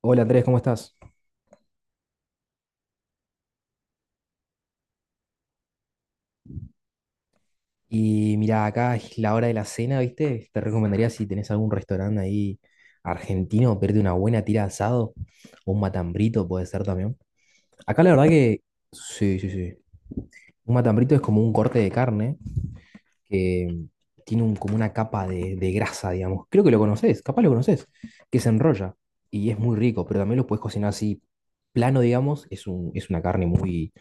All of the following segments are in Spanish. Hola Andrés, ¿cómo estás? Y mira, acá es la hora de la cena, ¿viste? Te recomendaría, si tenés algún restaurante ahí argentino, pedirte una buena tira de asado o un matambrito puede ser también. Acá la verdad que sí, sí, sí. Un matambrito es como un corte de carne que tiene un- como una capa de grasa, digamos. Creo que lo conoces, capaz lo conoces, que se enrolla y es muy rico, pero también lo puedes cocinar así plano, digamos. Es un, es una carne muy,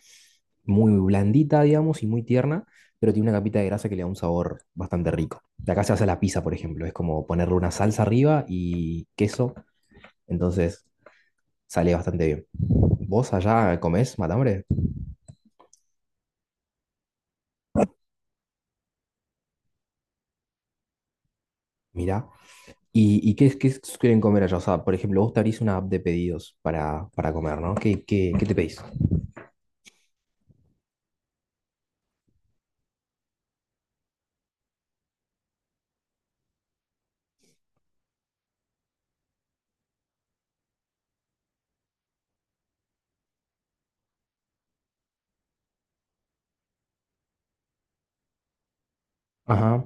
muy blandita, digamos, y muy tierna, pero tiene una capita de grasa que le da un sabor bastante rico. De acá se hace la pizza, por ejemplo, es como ponerle una salsa arriba y queso, entonces sale bastante bien. ¿Vos allá comés matambre? Mirá. Y qué, es- qué suelen comer allá? O sea, por ejemplo, vos te abrís una app de pedidos para comer, ¿no? ¿Qué, qué, qué te pedís? Ajá.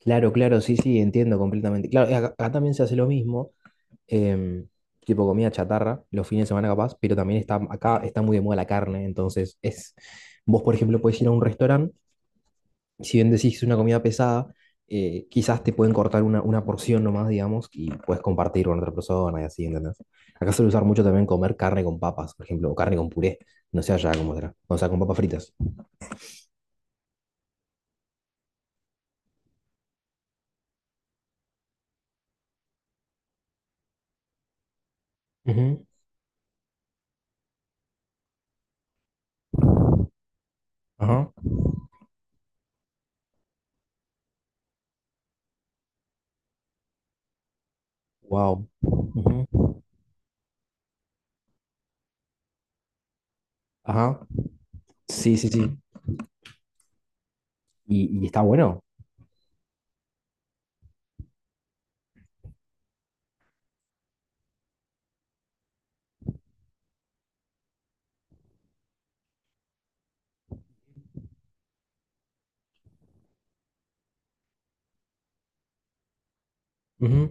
Claro, claro, sí, sí, entiendo completamente. Claro, acá, acá también se hace lo mismo, em, tipo comida chatarra, los fines de semana capaz, pero también está, acá está muy de moda la carne, entonces es, vos por ejemplo podés ir a un restaurante, si bien decís que es una comida pesada, quizás te pueden cortar una porción nomás, digamos, y puedes compartir con otra persona y así, ¿entendés? Acá suele usar mucho también comer carne con papas, por ejemplo, o carne con puré, no sé allá cómo será, o sea, con papas fritas. Ujú. Ajá. Wow. Ujú. Ajá. Sí, sí, sí. Y está bueno. Ujú.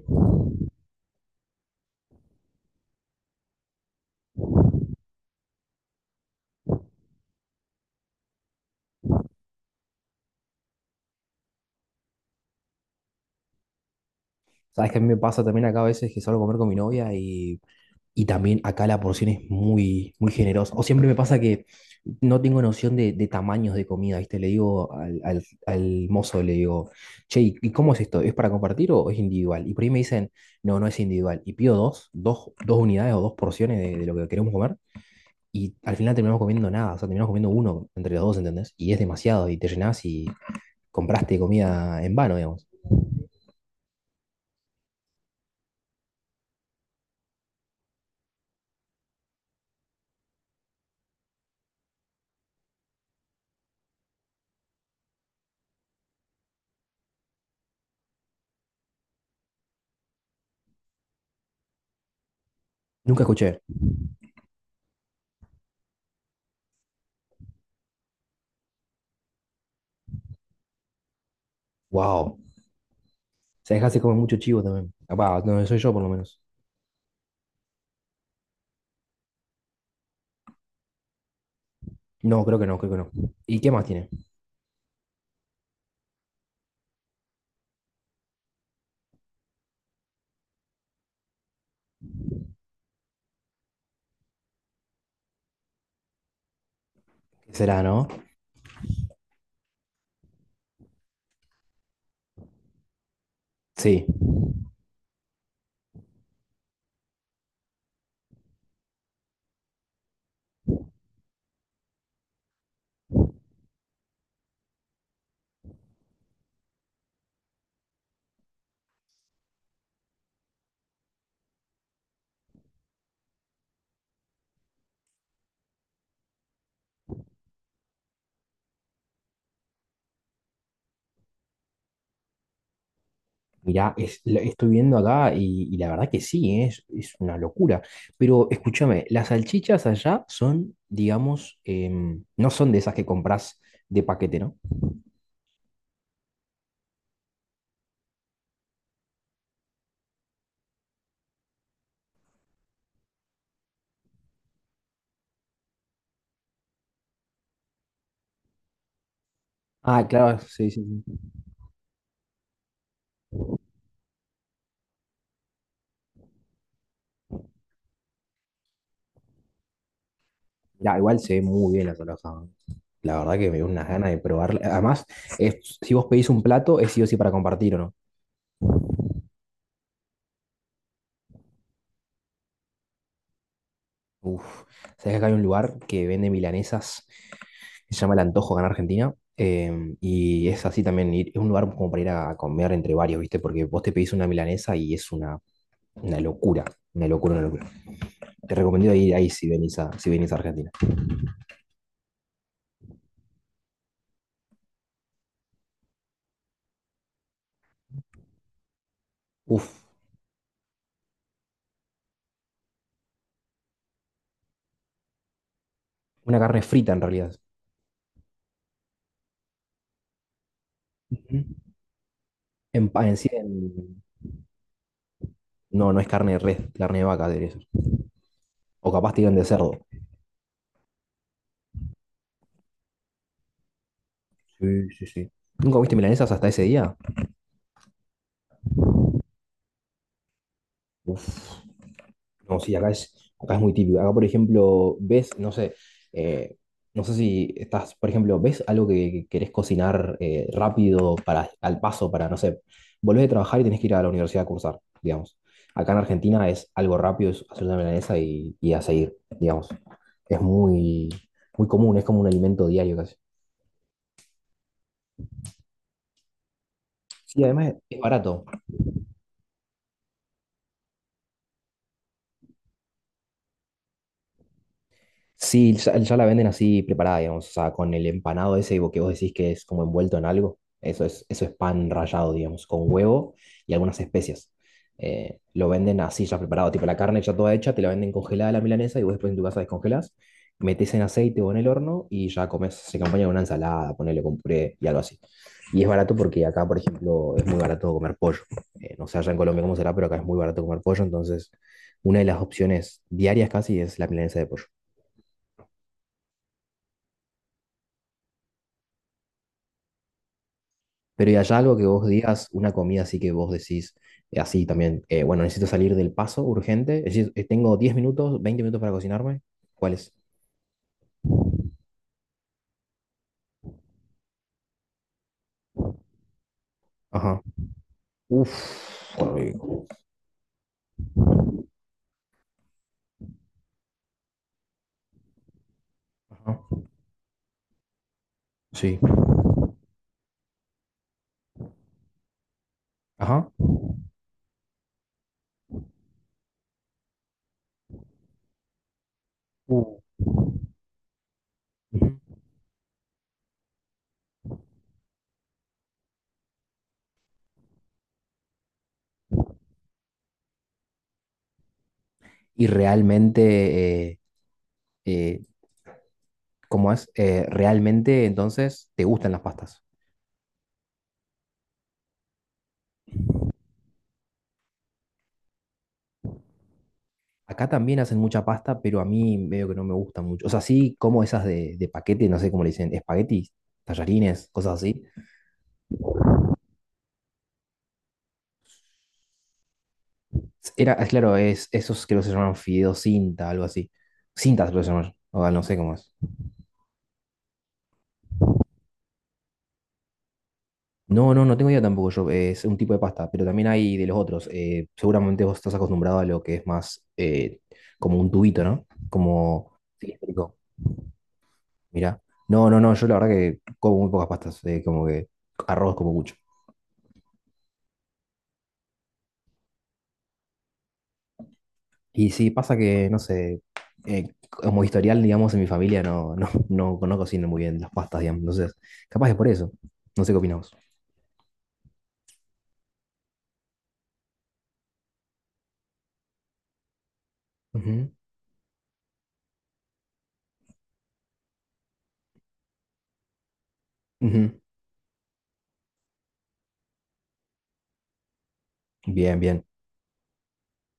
Sabes que a mí me pasa también acá a veces que salgo a comer con mi novia. Y también acá la porción es muy, muy generosa. O siempre me pasa que no tengo noción de tamaños de comida, ¿viste? Le digo al, al- al mozo, le digo, che, y cómo es esto? ¿Es para compartir o es individual? Y por ahí me dicen, no, no es individual. Y pido dos, dos, dos unidades o dos porciones de lo que queremos comer. Y al final terminamos comiendo nada, o sea, terminamos comiendo uno entre los dos, ¿entendés? Y es demasiado, y te llenás y compraste comida en vano, digamos. Nunca escuché. Wow. O sea, dejás de comer mucho chivo también. Capaz, no soy yo por lo menos. No, creo que no, creo que no. ¿Y qué más tiene? ¿Qué será, no? Sí. Mirá, es- la- estoy viendo acá y la verdad que sí, ¿eh? Es una locura. Pero escúchame, las salchichas allá son, digamos, no son de esas que compras de paquete, ¿no? Ah, claro, sí, sí, sí. Mirá, igual se ve muy bien la salsa. La verdad que me dio unas ganas de probarla. Además, es- si vos pedís un plato, es sí o sí para compartir, ¿o no? Uf, sabes que acá hay un lugar que vende milanesas que se llama El Antojo acá en Argentina. Y es así también, ir- es un lugar como para ir a comer entre varios, ¿viste? Porque vos te pedís una milanesa y es una locura, una locura, una locura. Te recomiendo ir ahí si venís a, si venís a Argentina. Uf, una carne frita en realidad. Ujú. En, pa- en sí, en- no, no es carne de res, carne de vaca, de eso. O capaz te de cerdo. Sí, sí, sí. ¿Nunca viste milanesas hasta ese día? Uf. No, sí, acá es muy típico. Acá, por ejemplo, ves, no sé, eh, no sé si estás, por ejemplo, ves algo que querés cocinar, rápido, para, al paso, para, no sé, volvés de trabajar y tenés que ir a la universidad a cursar, digamos. Acá en Argentina es algo rápido, es hacer una milanesa y a seguir, digamos. Es muy, muy común, es como un alimento diario casi. Sí, además es barato. Sí, ya, ya la venden así preparada, digamos, o sea, con el empanado ese que vos decís que es como envuelto en algo. Eso es pan rallado, digamos, con huevo y algunas especias. Lo venden así ya preparado, tipo la carne ya toda hecha, te la venden congelada la milanesa y vos después en tu casa descongelás, metés en aceite o en el horno y ya comes, se acompaña con una ensalada, ponele con puré y algo así. Y es barato porque acá, por ejemplo, es muy barato comer pollo. No sé allá en Colombia cómo será, pero acá es muy barato comer pollo, entonces una de las opciones diarias casi es la milanesa de pollo. Pero ¿y allá algo que vos digas, una comida así que vos decís, así también, bueno, necesito salir del paso urgente, es decir, tengo 10 minutos, 20 minutos para cocinarme? ¿Cuál es? Ajá. Uf, qué rico. Ajá. Sí. Ajá. Uh, ujú. Y realmente, eh, ¿cómo es? Realmente, entonces, te gustan las pastas. Acá también hacen mucha pasta, pero a mí medio que no me gusta mucho. O sea, sí como esas de paquete, no sé cómo le dicen, espaguetis, tallarines, cosas así. Era, ah, claro, es, esos creo que se llaman fideos cinta, algo así. Cintas se llaman o ah, no sé cómo es. No, no, no tengo idea tampoco yo, es un tipo de pasta, pero también hay de los otros. Seguramente vos estás acostumbrado a lo que es más, como un tubito, ¿no? Como cilíndrico, mira. No, no, no, yo la verdad que como muy pocas pastas, como que arroz como mucho. Y sí, pasa que, no sé, como historial, digamos, en mi familia no, no cocino muy bien las pastas, digamos. Entonces, capaz es por eso. No sé qué opinamos. Ujú. Bien, bien.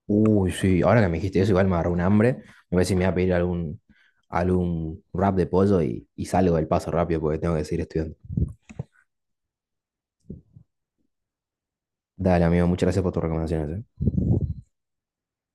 Uy, sí, ahora que me dijiste eso, igual me agarró un hambre. Me voy a pedir algún, algún wrap de pollo y salgo del paso rápido porque tengo que seguir estudiando. Dale, amigo, muchas gracias por tus recomendaciones. Eh.